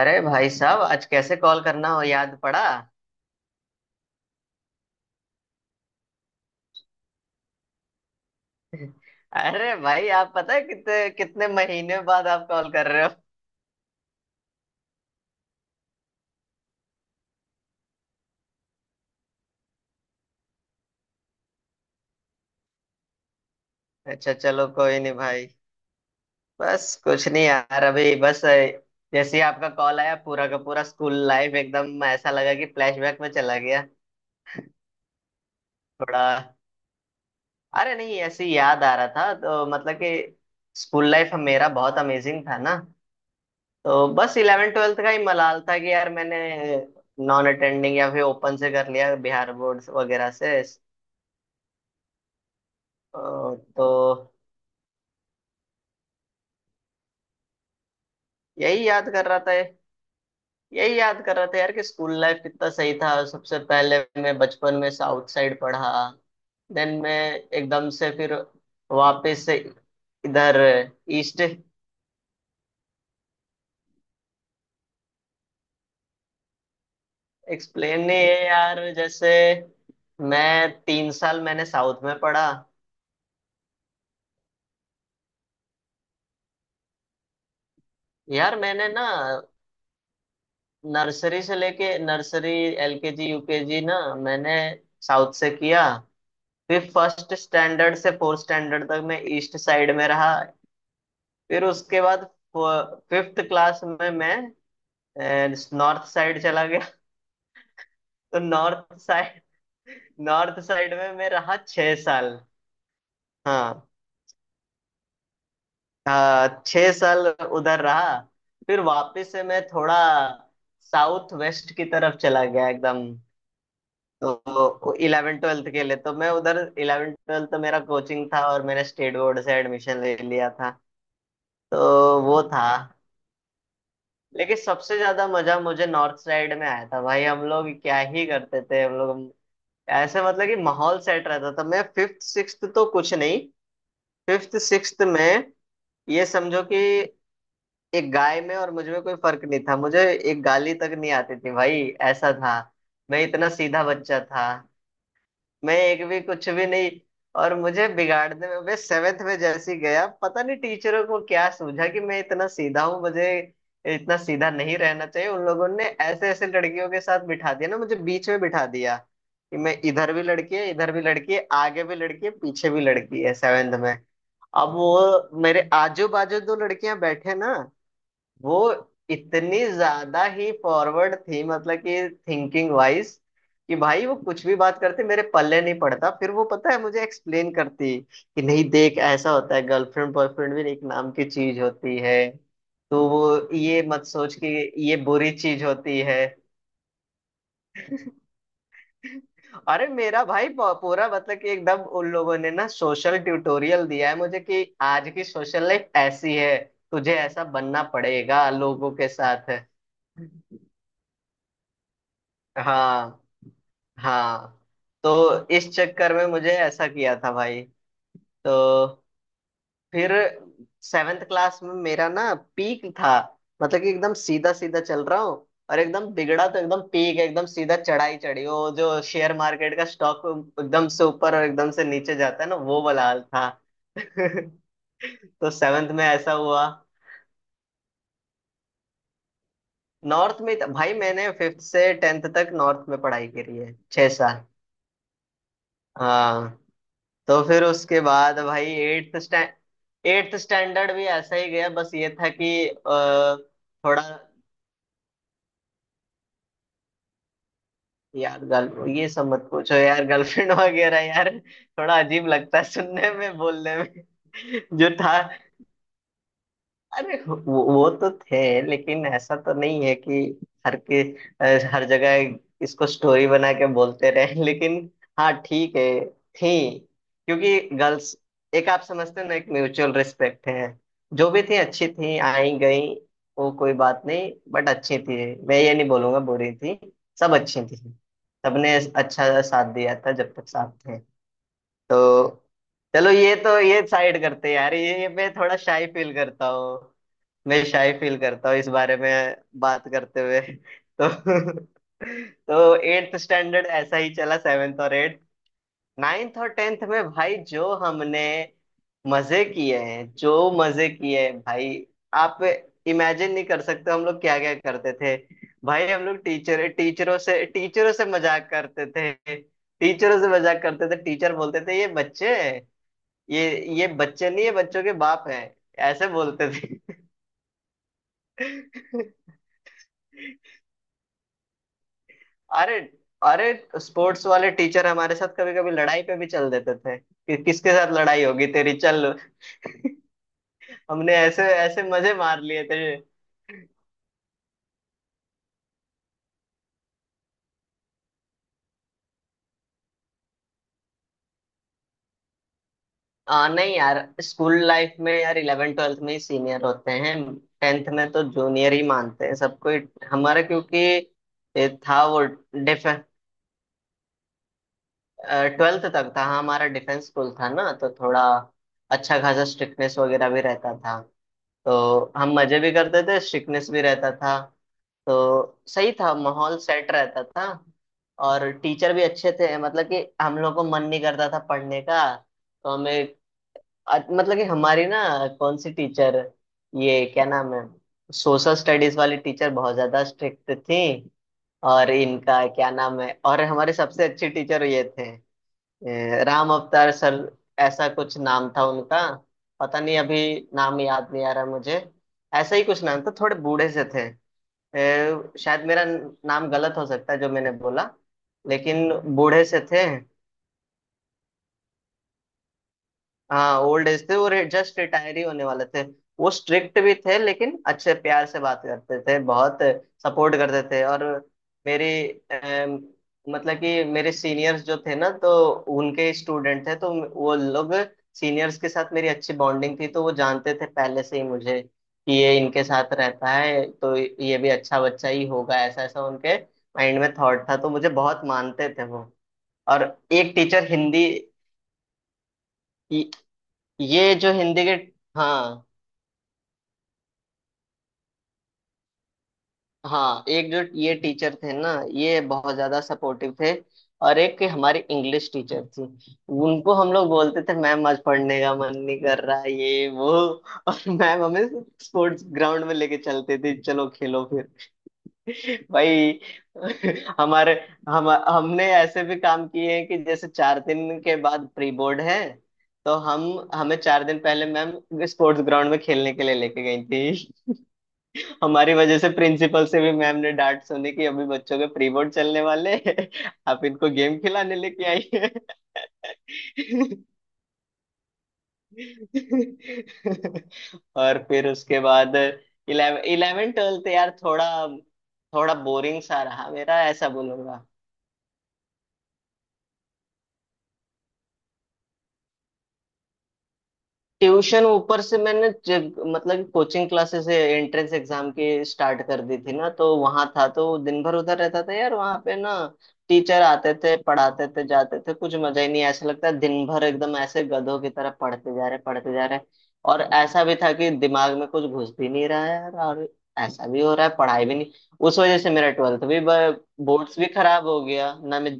अरे भाई साहब, आज कैसे कॉल करना हो याद पड़ा? अरे भाई, आप पता है कितने कितने महीने बाद आप कॉल कर रहे हो। अच्छा चलो कोई नहीं भाई। बस कुछ नहीं यार, अभी बस जैसे ही आपका कॉल आया पूरा का पूरा स्कूल लाइफ एकदम ऐसा लगा कि फ्लैशबैक में चला गया थोड़ा। अरे नहीं, ऐसे ही याद आ रहा था। तो मतलब कि स्कूल लाइफ मेरा बहुत अमेजिंग था ना। तो बस इलेवन ट्वेल्थ का ही मलाल था कि यार मैंने नॉन अटेंडिंग या फिर ओपन से कर लिया, बिहार बोर्ड वगैरह से। तो यही याद कर रहा था। यही याद कर रहा था यार कि स्कूल लाइफ कितना सही था। सबसे पहले मैं बचपन में साउथ साइड पढ़ा। देन मैं एकदम से फिर वापस से इधर ईस्ट। एक्सप्लेन नहीं है यार, जैसे मैं तीन साल मैंने साउथ में पढ़ा। यार मैंने ना नर्सरी से लेके नर्सरी एलकेजी यूकेजी ना मैंने साउथ से किया। फिर फर्स्ट स्टैंडर्ड से फोर्थ स्टैंडर्ड तक मैं ईस्ट साइड में रहा। फिर उसके बाद फिफ्थ क्लास में मैं नॉर्थ साइड चला गया। तो नॉर्थ साइड, नॉर्थ साइड में मैं रहा छह साल। हाँ हाँ, छह साल उधर रहा। फिर वापस से मैं थोड़ा साउथ वेस्ट की तरफ चला गया एकदम। तो इलेवन ट्वेल्थ के लिए तो मैं उधर, इलेवन ट्वेल्थ तो मेरा कोचिंग था और मैंने स्टेट बोर्ड से एडमिशन ले लिया था। तो वो था, लेकिन सबसे ज्यादा मजा मुझे नॉर्थ साइड में आया था। भाई हम लोग क्या ही करते थे। हम लोग ऐसे, मतलब कि माहौल सेट रहता था। मैं फिफ्थ सिक्स्थ तो कुछ नहीं, फिफ्थ सिक्स्थ में ये समझो कि एक गाय में और मुझ में कोई फर्क नहीं था। मुझे एक गाली तक नहीं आती थी भाई। ऐसा था, मैं इतना सीधा बच्चा था। मैं एक भी कुछ भी नहीं। और मुझे बिगाड़ने में, मैं सेवेंथ में जैसे ही गया, पता नहीं टीचरों को क्या सूझा कि मैं इतना सीधा हूँ, मुझे इतना सीधा नहीं रहना चाहिए। उन लोगों ने ऐसे ऐसे लड़कियों के साथ बिठा दिया ना, मुझे बीच में बिठा दिया कि मैं, इधर भी लड़की है, इधर भी लड़की है, आगे भी लड़की है, पीछे भी लड़की है, सेवेंथ में। अब वो मेरे आजू बाजू दो लड़कियां बैठे ना, वो इतनी ज्यादा ही फॉरवर्ड थी, मतलब कि थिंकिंग वाइज कि भाई वो कुछ भी बात करते मेरे पल्ले नहीं पड़ता। फिर वो पता है मुझे एक्सप्लेन करती कि नहीं देख ऐसा होता है, गर्लफ्रेंड बॉयफ्रेंड भी एक नाम की चीज होती है, तो वो ये मत सोच कि ये बुरी चीज होती है। अरे मेरा भाई पूरा, मतलब कि एकदम उन लोगों ने ना सोशल ट्यूटोरियल दिया है मुझे कि आज की सोशल लाइफ ऐसी है, तुझे ऐसा बनना पड़ेगा लोगों के साथ। हाँ हाँ। तो इस चक्कर में मुझे ऐसा किया था भाई। तो फिर सेवेंथ क्लास में मेरा ना पीक था, मतलब कि एकदम सीधा सीधा चल रहा हूँ और एकदम बिगड़ा तो एकदम पीक, एकदम सीधा चढ़ाई चढ़ी। वो जो शेयर मार्केट का स्टॉक एकदम से ऊपर और एकदम से नीचे जाता है ना, वो वाला हाल था। तो सेवेंथ में ऐसा हुआ। भाई मैंने फिफ्थ से टेंथ तक नॉर्थ में पढ़ाई करी है, छह साल। हाँ। तो फिर उसके बाद भाई एट्थ स्टैंडर्ड भी ऐसा ही गया, बस ये था कि। थोड़ा, यार गर्ल ये सब मत पूछो यार, गर्लफ्रेंड वगैरह यार थोड़ा अजीब लगता है सुनने में बोलने में। जो था, अरे वो, वो तो थे, लेकिन ऐसा तो नहीं है कि हर के हर जगह इसको स्टोरी बना के बोलते रहे लेकिन। हाँ ठीक है, थी, क्योंकि गर्ल्स, एक आप समझते हो ना एक म्यूचुअल रिस्पेक्ट है। जो भी थी अच्छी थी, आई गई, वो कोई बात नहीं। बट अच्छी थी, मैं ये नहीं बोलूंगा बुरी थी, सब अच्छी थी। सबने अच्छा साथ दिया था जब तक साथ थे। तो चलो ये तो ये साइड करते हैं यार, ये मैं थोड़ा शाई फील करता हूँ। मैं शाई फील करता हूँ इस बारे में बात करते हुए। तो तो एट्थ स्टैंडर्ड ऐसा ही चला, सेवेंथ और एट्थ। नाइन्थ और टेंथ में भाई जो हमने मजे किए हैं, जो मजे किए हैं भाई, आप इमेजिन नहीं कर सकते हम लोग क्या क्या करते थे। भाई हम लोग टीचर, टीचरों से मजाक करते थे। टीचरों से मजाक करते थे, टीचर बोलते थे ये बच्चे हैं, ये ये बच्चे नहीं है, बच्चों के बाप हैं, ऐसे बोलते थे। अरे अरे स्पोर्ट्स वाले टीचर हमारे साथ कभी कभी लड़ाई पे भी चल देते थे कि किसके साथ लड़ाई होगी तेरी, चल। हमने ऐसे ऐसे मजे मार लिए थे। नहीं यार स्कूल लाइफ में यार इलेवन ट्वेल्थ में ही सीनियर होते हैं, टेंथ में तो जूनियर ही मानते हैं सबको ही- हमारा क्योंकि ये था वो, डिफ ट्वेल्थ तक था। हाँ, हमारा डिफेंस स्कूल था ना, तो थोड़ा अच्छा खासा स्ट्रिक्टनेस वगैरह भी रहता था। तो हम मजे भी करते थे, स्ट्रिक्टनेस भी रहता था, तो सही था, माहौल सेट रहता था। और टीचर भी अच्छे थे, मतलब कि हम लोग को मन नहीं करता था पढ़ने का तो हमें मतलब कि हमारी ना, कौन सी टीचर, ये क्या नाम है, सोशल स्टडीज वाली टीचर बहुत ज्यादा स्ट्रिक्ट थी। और इनका क्या नाम है, और हमारे सबसे अच्छे टीचर ये थे राम अवतार सर, ऐसा कुछ नाम था उनका। पता नहीं अभी नाम याद नहीं आ रहा मुझे। ऐसा ही कुछ नाम था, थोड़े बूढ़े से थे। शायद मेरा नाम गलत हो सकता है जो मैंने बोला, लेकिन बूढ़े से थे। हाँ ओल्ड एज थे, वो जस्ट रिटायर ही होने वाले थे। वो स्ट्रिक्ट भी थे, लेकिन अच्छे प्यार से बात करते थे बहुत, सपोर्ट करते थे। और मेरे, अम, मतलब कि मेरे सीनियर्स जो थे ना, तो उनके स्टूडेंट थे, तो वो लोग, सीनियर्स के साथ मेरी अच्छी बॉन्डिंग थी, तो वो जानते थे पहले से ही मुझे कि ये इनके साथ रहता है तो ये भी अच्छा बच्चा ही होगा, ऐसा ऐसा उनके माइंड में थॉट था, तो मुझे बहुत मानते थे वो। और एक टीचर हिंदी, ये जो हिंदी के, हाँ हाँ, एक जो ये टीचर थे ना, ये बहुत ज्यादा सपोर्टिव थे। और एक हमारी इंग्लिश टीचर थी, उनको हम लोग बोलते थे मैम आज पढ़ने का मन नहीं कर रहा है ये वो, और मैम हमें स्पोर्ट्स ग्राउंड में लेके चलते थे चलो खेलो फिर। भाई हमारे, हम हमने ऐसे भी काम किए हैं कि जैसे चार दिन के बाद प्री बोर्ड है, तो हम, हमें चार दिन पहले मैम स्पोर्ट्स ग्राउंड में खेलने के लिए लेके गई थी। हमारी वजह से प्रिंसिपल से भी मैम ने डांट सुनी कि अभी बच्चों के प्री बोर्ड चलने वाले हैं आप इनको गेम खिलाने लेके आई हैं। और फिर उसके बाद इलेवन इलेवन ट्वेल्थ यार, थोड़ा थोड़ा बोरिंग सा रहा मेरा, ऐसा बोलूंगा। ट्यूशन ऊपर से मैंने मतलब कोचिंग क्लासेस एंट्रेंस एग्जाम की स्टार्ट कर दी थी ना, तो वहां था, तो दिन भर उधर रहता था यार वहां पे ना। टीचर आते थे, पढ़ाते थे, जाते थे, कुछ मजा ही नहीं ऐसा लगता है। दिन भर एकदम ऐसे गधों की तरह पढ़ते जा रहे, पढ़ते जा रहे। और ऐसा भी था कि दिमाग में कुछ घुस भी नहीं रहा है यार, और ऐसा भी हो रहा है पढ़ाई भी नहीं। उस वजह से मेरा ट्वेल्थ भी, बोर्ड्स भी खराब हो गया।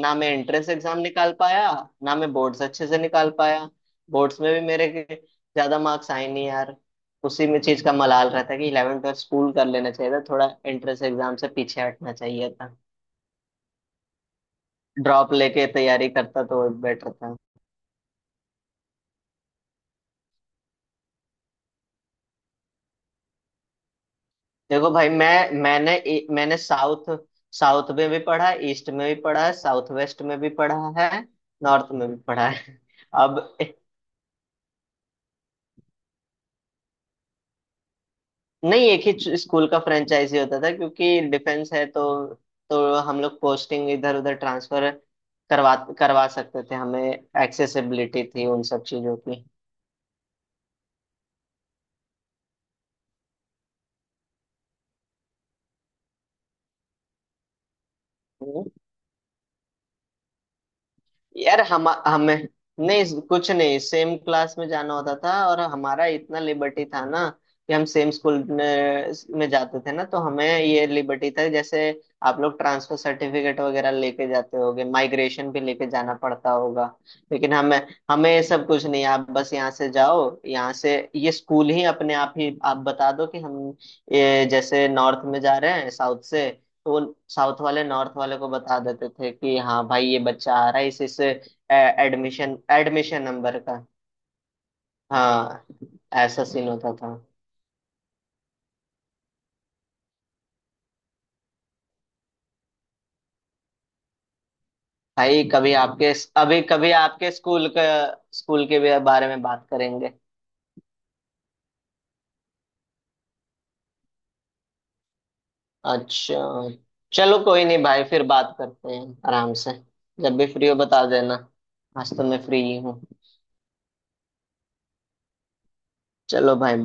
ना मैं एंट्रेंस एग्जाम निकाल पाया, ना मैं बोर्ड्स अच्छे से निकाल पाया। बोर्ड्स में भी मेरे के ज्यादा मार्क्स आए नहीं यार। उसी में चीज का मलाल रहता है कि इलेवन ट्वेल्थ स्कूल कर लेना चाहिए था, थोड़ा एंट्रेंस एग्जाम से पीछे हटना चाहिए था, ड्रॉप लेके तैयारी करता तो बेटर था। देखो भाई, मैंने साउथ, साउथ में भी पढ़ा, ईस्ट में भी पढ़ा है, साउथ वेस्ट में भी पढ़ा है, नॉर्थ में भी पढ़ा है। अब नहीं, एक ही स्कूल का फ्रेंचाइजी होता था क्योंकि डिफेंस है तो। तो हम लोग पोस्टिंग इधर उधर ट्रांसफर करवा करवा सकते थे। हमें एक्सेसिबिलिटी थी उन सब चीजों की। यार हम हमें नहीं कुछ नहीं, सेम क्लास में जाना होता था और हमारा इतना लिबर्टी था ना कि हम सेम स्कूल में जाते थे ना, तो हमें ये लिबर्टी था। जैसे आप लोग ट्रांसफर सर्टिफिकेट वगैरह लेके जाते होगे, माइग्रेशन भी लेके जाना पड़ता होगा, लेकिन हमें हमें ये सब कुछ नहीं। आप बस यहाँ से जाओ, यहाँ से ये स्कूल ही अपने आप ही, आप बता दो कि हम ये जैसे नॉर्थ में जा रहे हैं साउथ से, तो वो साउथ वाले नॉर्थ वाले को बता देते थे कि हाँ भाई ये बच्चा आ रहा है इस एडमिशन एडमिशन नंबर का। हाँ, ऐसा सीन होता था। भाई कभी आपके अभी कभी आपके स्कूल का, स्कूल के भी बारे में बात करेंगे। अच्छा चलो कोई नहीं भाई, फिर बात करते हैं आराम से। जब भी फ्री हो बता देना, आज तो मैं फ्री ही हूँ। चलो भाई।